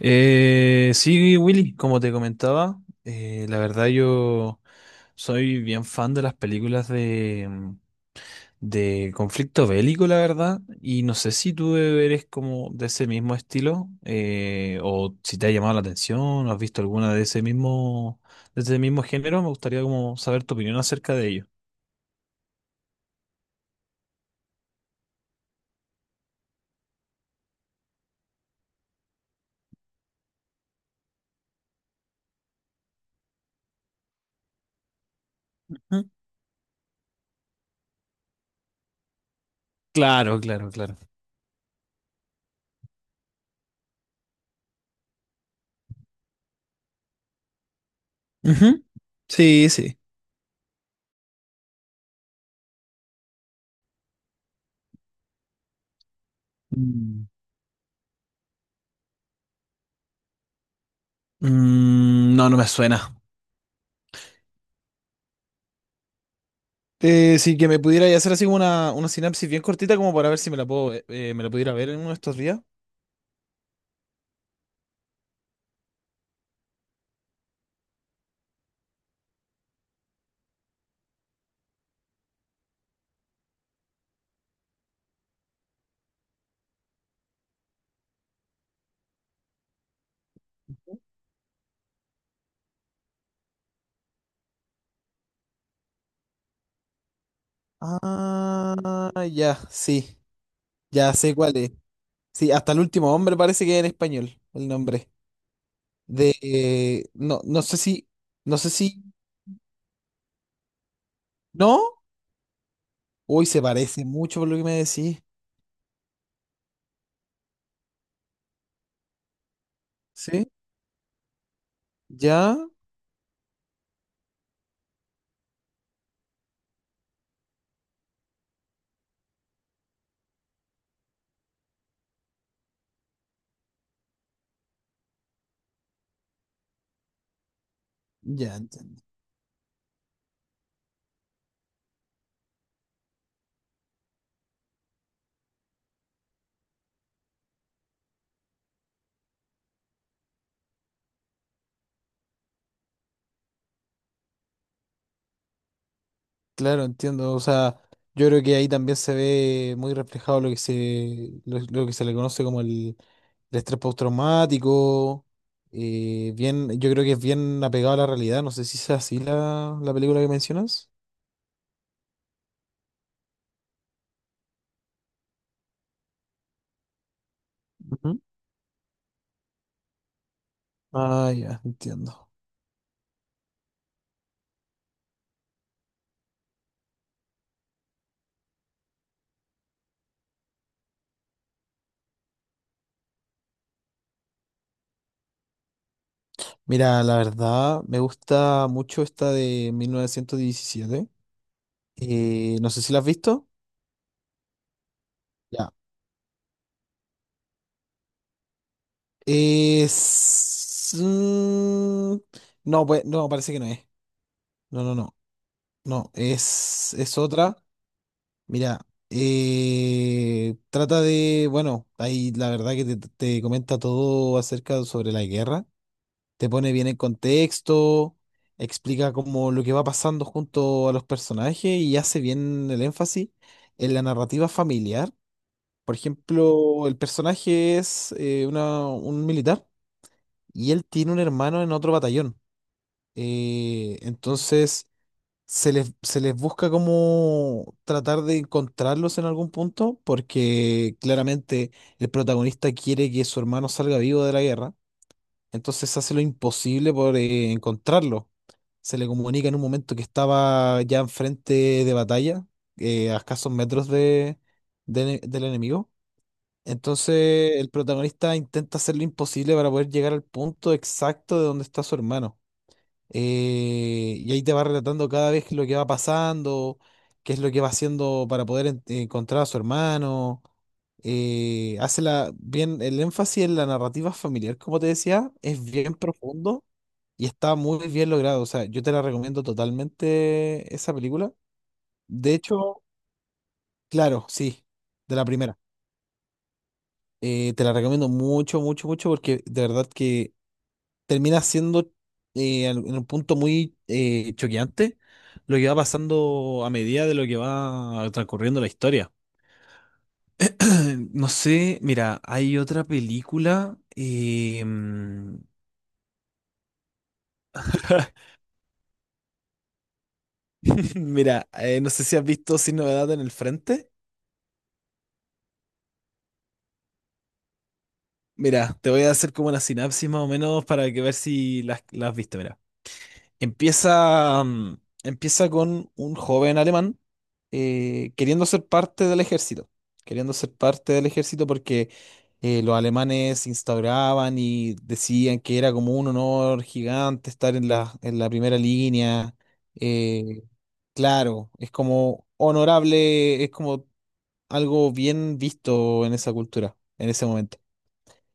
Sí, Willy, como te comentaba, la verdad yo soy bien fan de las películas de de conflicto bélico, la verdad, y no sé si tú eres como de ese mismo estilo, o si te ha llamado la atención, o has visto alguna de ese mismo género, me gustaría como saber tu opinión acerca de ello. Ujú. Claro, claro, claro. Ujú, sí, sí. Mm. Mm, no, no me suena. Sí, que me pudiera hacer así como una sinapsis bien cortita como para ver si me la puedo, me la pudiera ver en uno de estos días. Ah, ya, sí, ya sé cuál es. Sí, hasta el último hombre parece que es en español el nombre. No, no sé si, no sé si, ¿no? Uy, se parece mucho por lo que me decís. ¿Sí? Ya, ya. Claro, entiendo. O sea, yo creo que ahí también se ve muy reflejado lo que se, lo que se le conoce como el estrés postraumático. Bien, yo creo que es bien apegado a la realidad. No sé si es así la, la película que mencionas. Ujú. Ah, ya, entiendo. Mira, la verdad, me gusta mucho esta de 1917. No sé si la has visto. Ya. Es... no, pues, no, parece que no es. No, no, no. No, es otra. Mira, trata de, bueno, ahí la verdad que te comenta todo acerca sobre la guerra, te pone bien en contexto, explica como lo que va pasando junto a los personajes y hace bien el énfasis en la narrativa familiar. Por ejemplo, el personaje es un militar y él tiene un hermano en otro batallón. Entonces... se les busca como tratar de encontrarlos en algún punto, porque claramente el protagonista quiere que su hermano salga vivo de la guerra, entonces hace lo imposible por encontrarlo. Se le comunica en un momento que estaba ya enfrente de batalla, a escasos metros del enemigo. Entonces el protagonista intenta hacer lo imposible para poder llegar al punto exacto de donde está su hermano y ahí te va relatando cada vez lo que va pasando, qué es lo que va haciendo para poder encontrar a su hermano. Hace la, bien el énfasis en la narrativa familiar, como te decía, es bien profundo y está muy bien logrado. O sea, yo te la recomiendo totalmente esa película. De hecho, claro, sí, de la primera. Te la recomiendo mucho, mucho, mucho porque de verdad que termina siendo en un punto muy choqueante lo que va pasando a medida de lo que va transcurriendo la historia. No sé, mira, hay otra película. Mira, no sé si has visto Sin Novedad en el Frente. Mira, te voy a hacer como una sinapsis más o menos para que ver si las, las viste, mira. Empieza, mm, empieza con un joven alemán queriendo ser parte del ejército, queriendo ser parte del ejército porque los alemanes instauraban y decían que era como un honor gigante estar en la primera línea. Eh, claro, es como honorable, es como algo bien visto en esa cultura, en ese momento.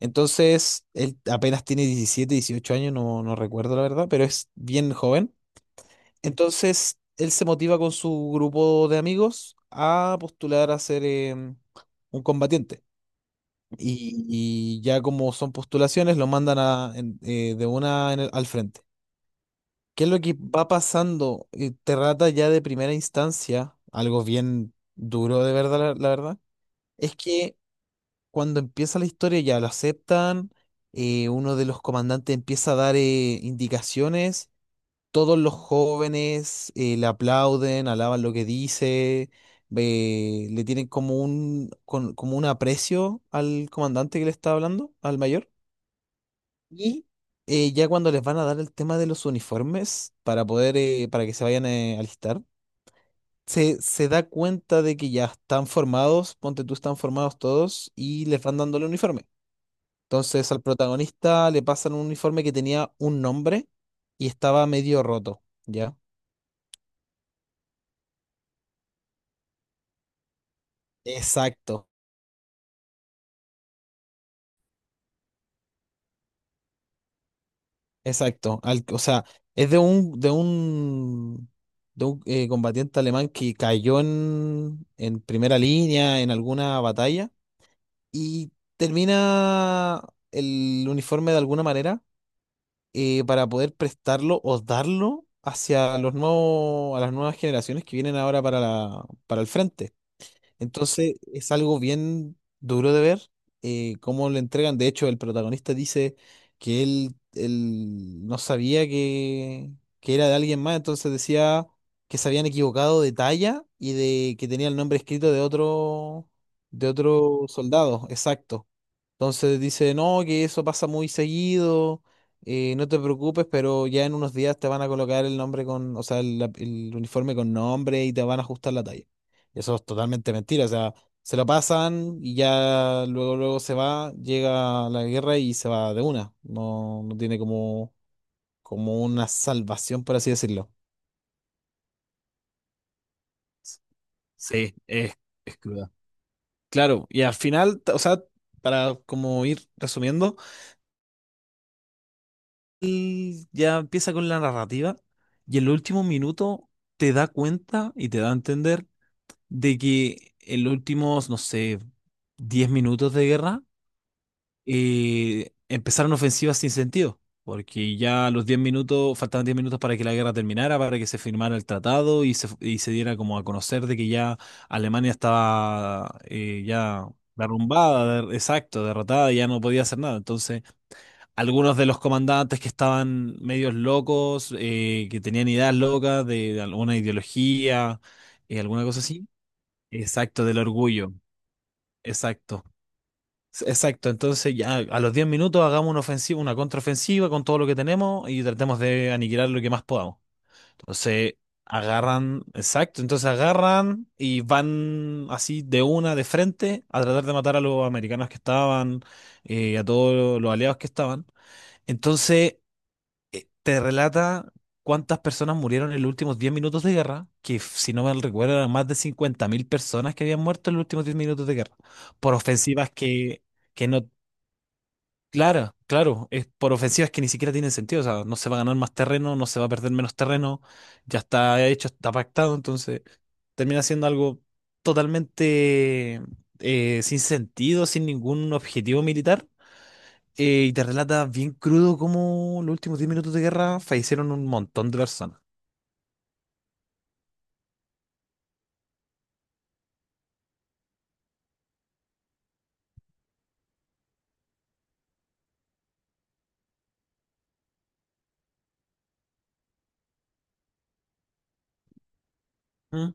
Entonces, él apenas tiene 17 18 años, no, no recuerdo la verdad, pero es bien joven entonces, él se motiva con su grupo de amigos a postular a ser un combatiente. Y, y ya como son postulaciones, lo mandan de una al frente. ¿Qué es lo que va pasando? Te rata ya de primera instancia, algo bien duro de verdad, la verdad, es que cuando empieza la historia ya lo aceptan, uno de los comandantes empieza a dar indicaciones todos los jóvenes le aplauden, alaban lo que dice, le tienen como como un aprecio al comandante que le está hablando, al mayor. Y ya cuando les van a dar el tema de los uniformes para poder, para que se vayan a alistar, se da cuenta de que ya están formados, ponte tú, están formados todos y les van dando el uniforme. Entonces al protagonista le pasan un uniforme que tenía un nombre y estaba medio roto, ¿ya? Exacto. Exacto, al- o sea, es de un combatiente alemán que cayó en primera línea en alguna batalla y termina el uniforme de alguna manera para poder prestarlo o darlo hacia los nuevos, a las nuevas generaciones que vienen ahora para la, para el frente. Entonces es algo bien duro de ver cómo le entregan. De hecho, el protagonista dice que él no sabía que era de alguien más, entonces decía que se habían equivocado de talla y de que tenía el nombre escrito de otro soldado, exacto. Entonces dice, no, que eso pasa muy seguido, no te preocupes, pero ya en unos días te van a colocar el nombre con, o sea, el uniforme con nombre y te van a ajustar la talla. Y eso es totalmente mentira, o sea, se lo pasan y ya luego, luego se va, llega la guerra y se va de una. No, no tiene como, como una salvación, por así decirlo. Sí, es cruda. Claro, y al final, t- o sea, para como ir resumiendo. Él ya empieza con la narrativa y en los últimos minutos te da cuenta y te da a entender de que en los últimos, no sé, 10 minutos de guerra empezaron ofensivas sin sentido, porque ya a los 10 minutos, faltaban 10 minutos para que la guerra terminara, para que se firmara el tratado y se diera como a conocer de que ya Alemania estaba ya derrumbada, exacto, derrotada, ya no podía hacer nada. Entonces algunos de los comandantes que estaban medios locos, que tenían ideas locas de alguna ideología, alguna cosa así. Exacto, del orgullo. Exacto. Exacto. Entonces, ya a los 10 minutos hagamos una ofensiva, una contraofensiva con todo lo que tenemos y tratemos de aniquilar lo que más podamos. Entonces, agarran, exacto. Entonces, agarran y van así de una, de frente, a tratar de matar a los americanos que estaban, a todos los aliados que estaban. Entonces, te relata cuántas personas murieron en los últimos 10 minutos de guerra, que si no me recuerdo eran más de 50.000 personas que habían muerto en los últimos 10 minutos de guerra, por ofensivas que no, claro, claro, es por ofensivas que ni siquiera tienen sentido, o sea, no se va a ganar más terreno, no se va a perder menos terreno, ya está hecho, está pactado, entonces termina siendo algo totalmente sin sentido, sin ningún objetivo militar y te relata bien crudo cómo los últimos 10 minutos de guerra fallecieron un montón de personas. Mm,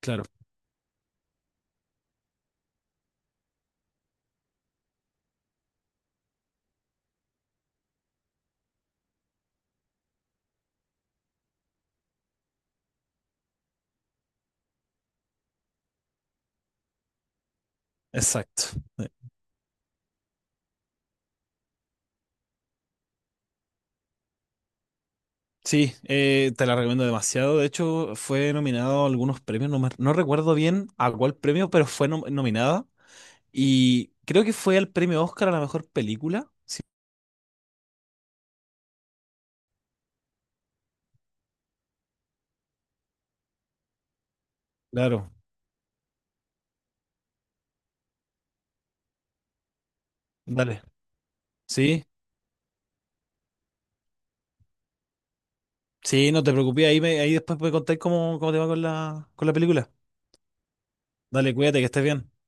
claro, exacto. Eh, Sí, te la recomiendo demasiado. De hecho, fue nominado a algunos premios, no, no recuerdo bien a cuál premio, pero fue nominada. Y creo que fue al premio Oscar a la mejor película. Sí, claro, dale. Sí, sí, no te preocupes, ahí, ahí después me contáis cómo, cómo te va con la película. Dale, cuídate, que estés bien.